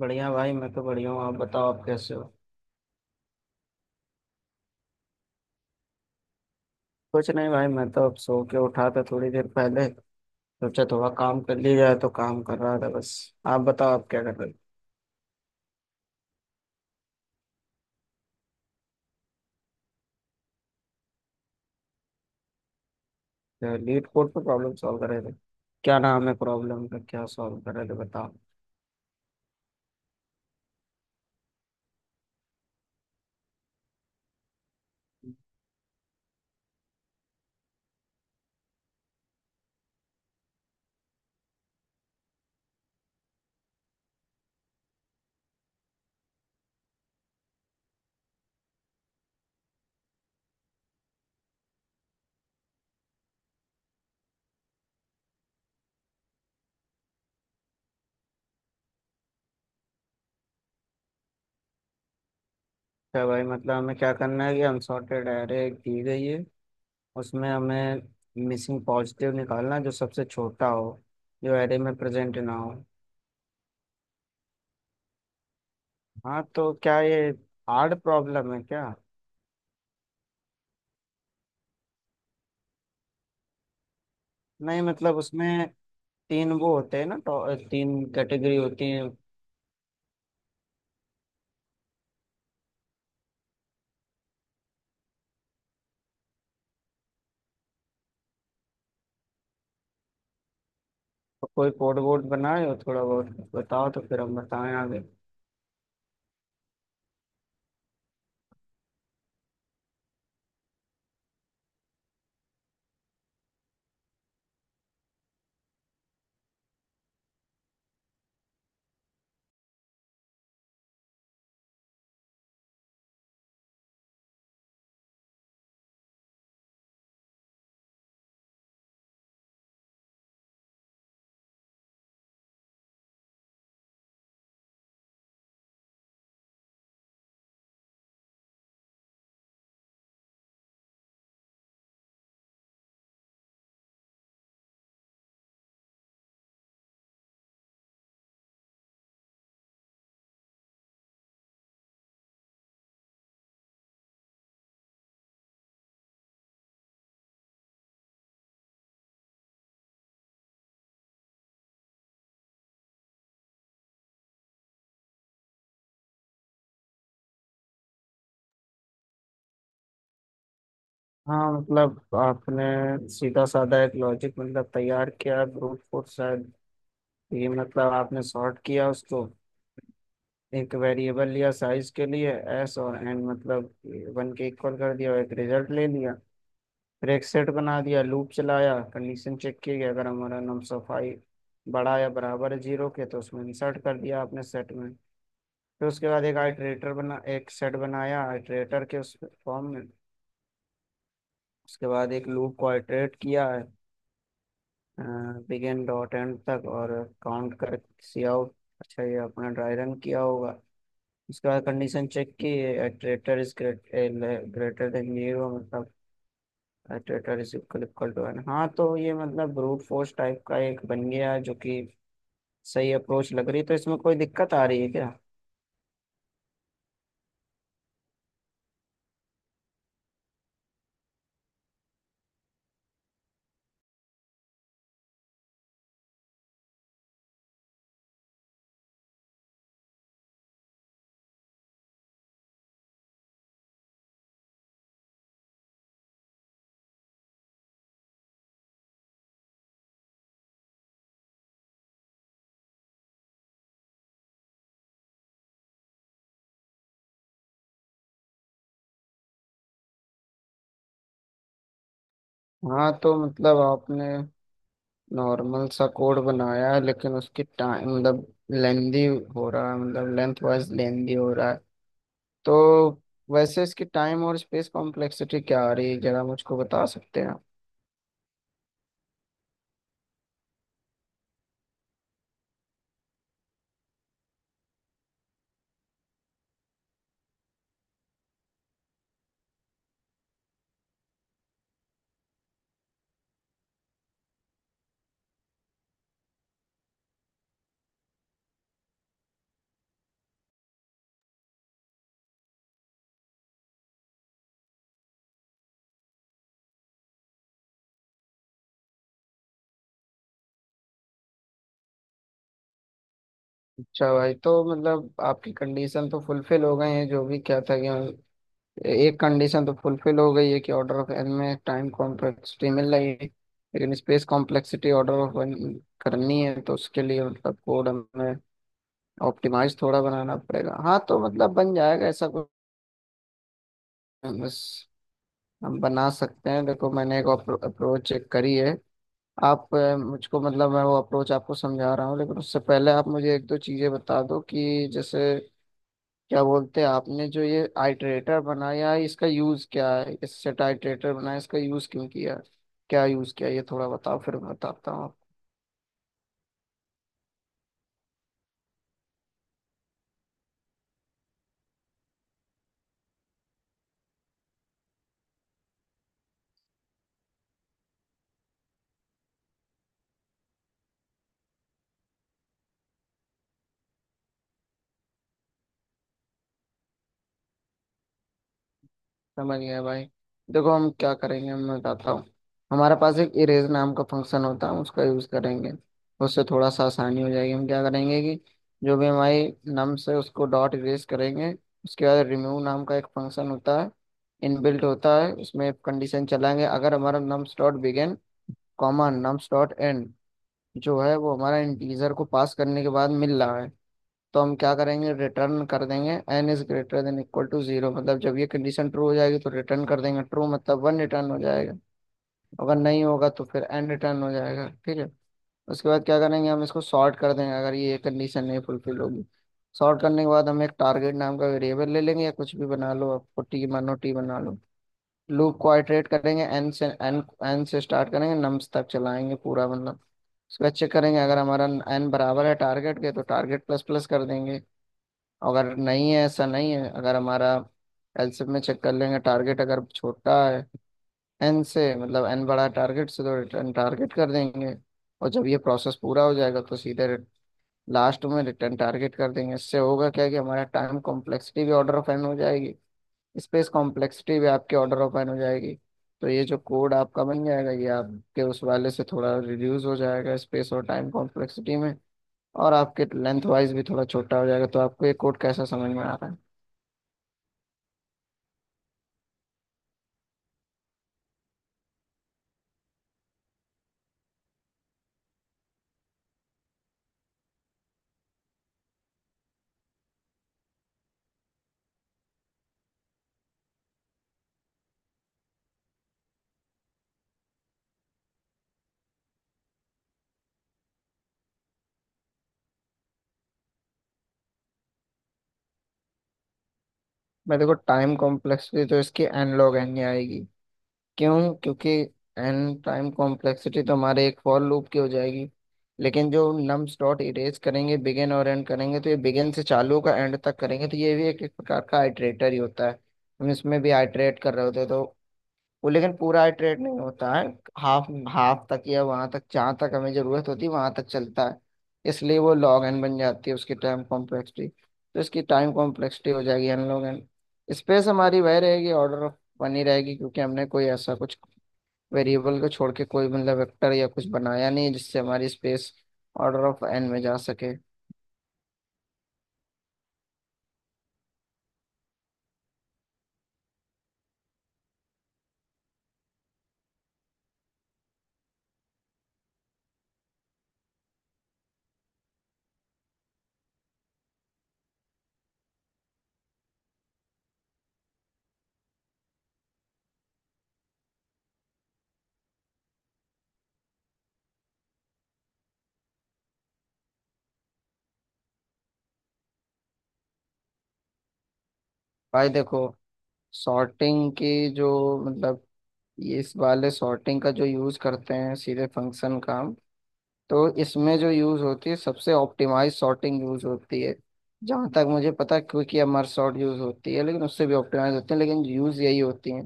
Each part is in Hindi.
बढ़िया भाई, मैं तो बढ़िया हूँ। आप बताओ, आप कैसे हो। कुछ नहीं भाई, मैं तो अब सो के उठा था थोड़ी देर पहले। सोचा थोड़ा काम कर लिया जाए, तो काम कर रहा था बस। आप बताओ, आप क्या कर रहे थे। लीड कोड पर प्रॉब्लम सॉल्व कर रहे थे? क्या नाम है प्रॉब्लम का, क्या सॉल्व कर रहे थे बताओ। क्या भाई, मतलब हमें क्या करना है कि अनसॉर्टेड एरे दी गई है, उसमें हमें मिसिंग पॉजिटिव निकालना है, जो सबसे छोटा हो, जो एरे में प्रेजेंट ना हो। हाँ, तो क्या ये हार्ड प्रॉब्लम है क्या? नहीं मतलब उसमें तीन वो होते हैं ना, तो तीन कैटेगरी होती हैं। तो कोई कोड वोड बनाए हो थोड़ा बहुत? बताओ तो फिर हम बताएं आगे। हाँ मतलब आपने सीधा साधा एक लॉजिक मतलब तैयार किया, ब्रूट फोर्स शायद। ये मतलब आपने सॉर्ट किया उसको, एक वेरिएबल लिया साइज के लिए, एस और एन मतलब वन के इक्वल कर दिया, और एक रिजल्ट ले लिया। फिर एक सेट बना दिया, लूप चलाया, कंडीशन चेक की कि अगर हमारा नम सफाई बड़ा या बराबर है जीरो के, तो उसमें इंसर्ट कर दिया आपने सेट में। फिर उसके बाद एक आइटरेटर बना, एक सेट बनाया आइटरेटर के उस फॉर्म में। उसके बाद एक लूप को आइटरेट किया है बिगिन डॉट एंड तक, और काउंट कर, सी आउट। अच्छा ये अपना ड्राई रन किया होगा। उसके बाद कंडीशन चेक की, iterator is greater than zero, मतलब iterator is equal equal to N. हाँ तो ये मतलब ब्रूट फोर्स टाइप का एक बन गया, जो कि सही अप्रोच लग रही है। तो इसमें कोई दिक्कत आ रही है क्या? हाँ तो मतलब आपने नॉर्मल सा कोड बनाया है, लेकिन उसकी टाइम मतलब लेंदी हो रहा है, मतलब लेंथ वाइज लेंदी हो रहा है। तो वैसे इसकी टाइम और स्पेस कॉम्प्लेक्सिटी क्या आ रही है, जरा मुझको बता सकते हैं आप? अच्छा भाई, तो मतलब आपकी कंडीशन तो फुलफिल हो गई है। जो भी क्या था कि एक कंडीशन तो फुलफिल हो गई है कि ऑर्डर ऑफ एन में टाइम कॉम्प्लेक्सिटी मिल रही है, लेकिन space complexity order of N करनी है, तो उसके लिए मतलब कोड हमें ऑप्टिमाइज थोड़ा बनाना पड़ेगा। हाँ तो मतलब बन जाएगा ऐसा कुछ बस, हम बना सकते हैं। देखो मैंने एक अप्रोच चेक करी है। मुझको मतलब मैं वो अप्रोच आपको समझा रहा हूँ, लेकिन उससे पहले आप मुझे एक दो चीजें बता दो, कि जैसे क्या बोलते हैं, आपने जो ये आइटरेटर बनाया है, इसका यूज क्या है, इस सेट आइटरेटर बनाया इसका यूज क्यों किया, क्या यूज किया, ये थोड़ा बताओ फिर मैं बताता हूँ। समझ गया भाई। देखो हम क्या करेंगे, मैं बताता हूँ। हमारे पास एक इरेज नाम का फंक्शन होता है, हम उसका यूज़ करेंगे। उससे थोड़ा सा आसानी हो जाएगी। हम क्या करेंगे कि जो भी हमारी नम्स है उसको डॉट इरेज करेंगे। उसके बाद रिमूव नाम का एक फंक्शन होता है, इनबिल्ट होता है, उसमें कंडीशन चलाएंगे, अगर हमारा nums dot begin comma nums dot end जो है वो हमारा इंटीजर को पास करने के बाद मिल रहा है, तो हम क्या करेंगे, रिटर्न कर देंगे N is greater than equal to zero, मतलब जब ये कंडीशन ट्रू हो जाएगी तो रिटर्न कर देंगे ट्रू, मतलब वन रिटर्न हो जाएगा। अगर नहीं होगा तो फिर एन रिटर्न हो जाएगा, ठीक है। उसके बाद क्या करेंगे, हम इसको सॉर्ट कर देंगे अगर ये कंडीशन नहीं फुलफिल होगी। सॉर्ट करने के बाद हम एक टारगेट नाम का वेरिएबल ले लेंगे, या कुछ भी बना लो, आपको टी मानो टी बना लो। लूप को आइटरेट करेंगे एन से, एन एन से स्टार्ट करेंगे, नम्स तक चलाएंगे पूरा, मतलब उसके बाद चेक करेंगे अगर हमारा एन बराबर है टारगेट के, तो टारगेट प्लस प्लस कर देंगे। अगर नहीं है, ऐसा नहीं है, अगर हमारा एलसीएम में चेक कर लेंगे टारगेट, अगर छोटा है एन से, मतलब एन बड़ा है टारगेट से, तो रिटर्न टारगेट कर देंगे। और जब ये प्रोसेस पूरा हो जाएगा तो सीधे लास्ट में रिटर्न टारगेट कर देंगे। इससे होगा क्या कि हमारा टाइम कॉम्प्लेक्सिटी भी ऑर्डर ऑफ एन हो जाएगी, स्पेस कॉम्प्लेक्सिटी भी आपके ऑर्डर ऑफ एन हो जाएगी। तो ये जो कोड आपका बन जाएगा, ये आपके उस वाले से थोड़ा रिड्यूस हो जाएगा स्पेस और टाइम कॉम्प्लेक्सिटी में, और आपके लेंथ वाइज भी थोड़ा छोटा हो जाएगा। तो आपको ये कोड कैसा समझ में आ रहा है? मैं, देखो टाइम कॉम्प्लेक्सिटी तो इसकी एन log एन ही आएगी। क्यों, क्योंकि एन टाइम कॉम्प्लेक्सिटी तो हमारे एक फॉर लूप की हो जाएगी, लेकिन जो नम्स डॉट इरेज करेंगे बिगिन और एंड करेंगे, तो ये बिगिन से चालू का एंड तक करेंगे, तो ये भी एक प्रकार का आइटरेटर ही होता है। हम इसमें भी आइटरेट कर रहे होते हैं, तो वो, लेकिन पूरा इटरेट नहीं होता है, हाफ हाफ तक, या वहां तक जहां तक हमें जरूरत होती है वहां तक चलता है। इसलिए वो लॉग एन बन जाती है उसकी टाइम कॉम्प्लेक्सिटी, तो इसकी टाइम कॉम्प्लेक्सिटी हो जाएगी एन लॉग एन। स्पेस हमारी वह रहेगी, ऑर्डर ऑफ बनी रहेगी, क्योंकि हमने कोई ऐसा कुछ वेरिएबल को छोड़ के कोई मतलब वेक्टर या कुछ बनाया नहीं है जिससे हमारी स्पेस ऑर्डर ऑफ एन में जा सके। भाई देखो, सॉर्टिंग की जो मतलब, ये इस वाले सॉर्टिंग का जो यूज करते हैं सीधे फंक्शन का, तो इसमें जो यूज होती है सबसे ऑप्टिमाइज सॉर्टिंग यूज होती है। जहां तक मुझे पता है क्विक या मर्ज सॉर्ट यूज होती है, लेकिन उससे भी ऑप्टिमाइज होती है, लेकिन यूज यही होती है।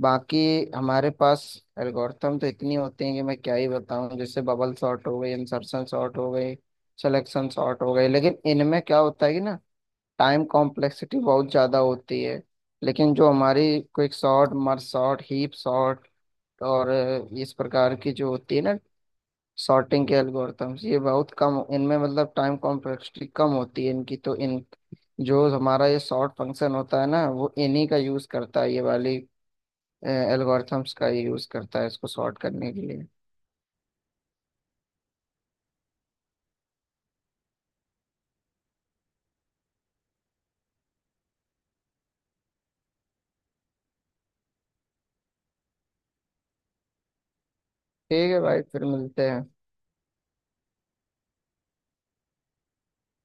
बाकी हमारे पास एल्गोरिथम तो इतनी होती हैं कि मैं क्या ही बताऊं, जैसे बबल सॉर्ट हो गई, इंसर्शन सॉर्ट हो गई, सिलेक्शन सॉर्ट हो गई, लेकिन इनमें क्या होता है कि ना टाइम कॉम्प्लेक्सिटी बहुत ज्यादा होती है। लेकिन जो हमारी quick sort, merge sort, heap sort, और इस प्रकार की जो होती है ना सॉर्टिंग के एल्गोरिथम्स, ये बहुत कम, इनमें मतलब टाइम कॉम्प्लेक्सिटी कम होती है इनकी, तो इन, जो हमारा ये सॉर्ट फंक्शन होता है ना, वो इन्हीं का यूज करता है, ये वाली एल्गोरिथम्स का ये यूज करता है इसको सॉर्ट करने के लिए। ठीक है भाई, फिर मिलते हैं।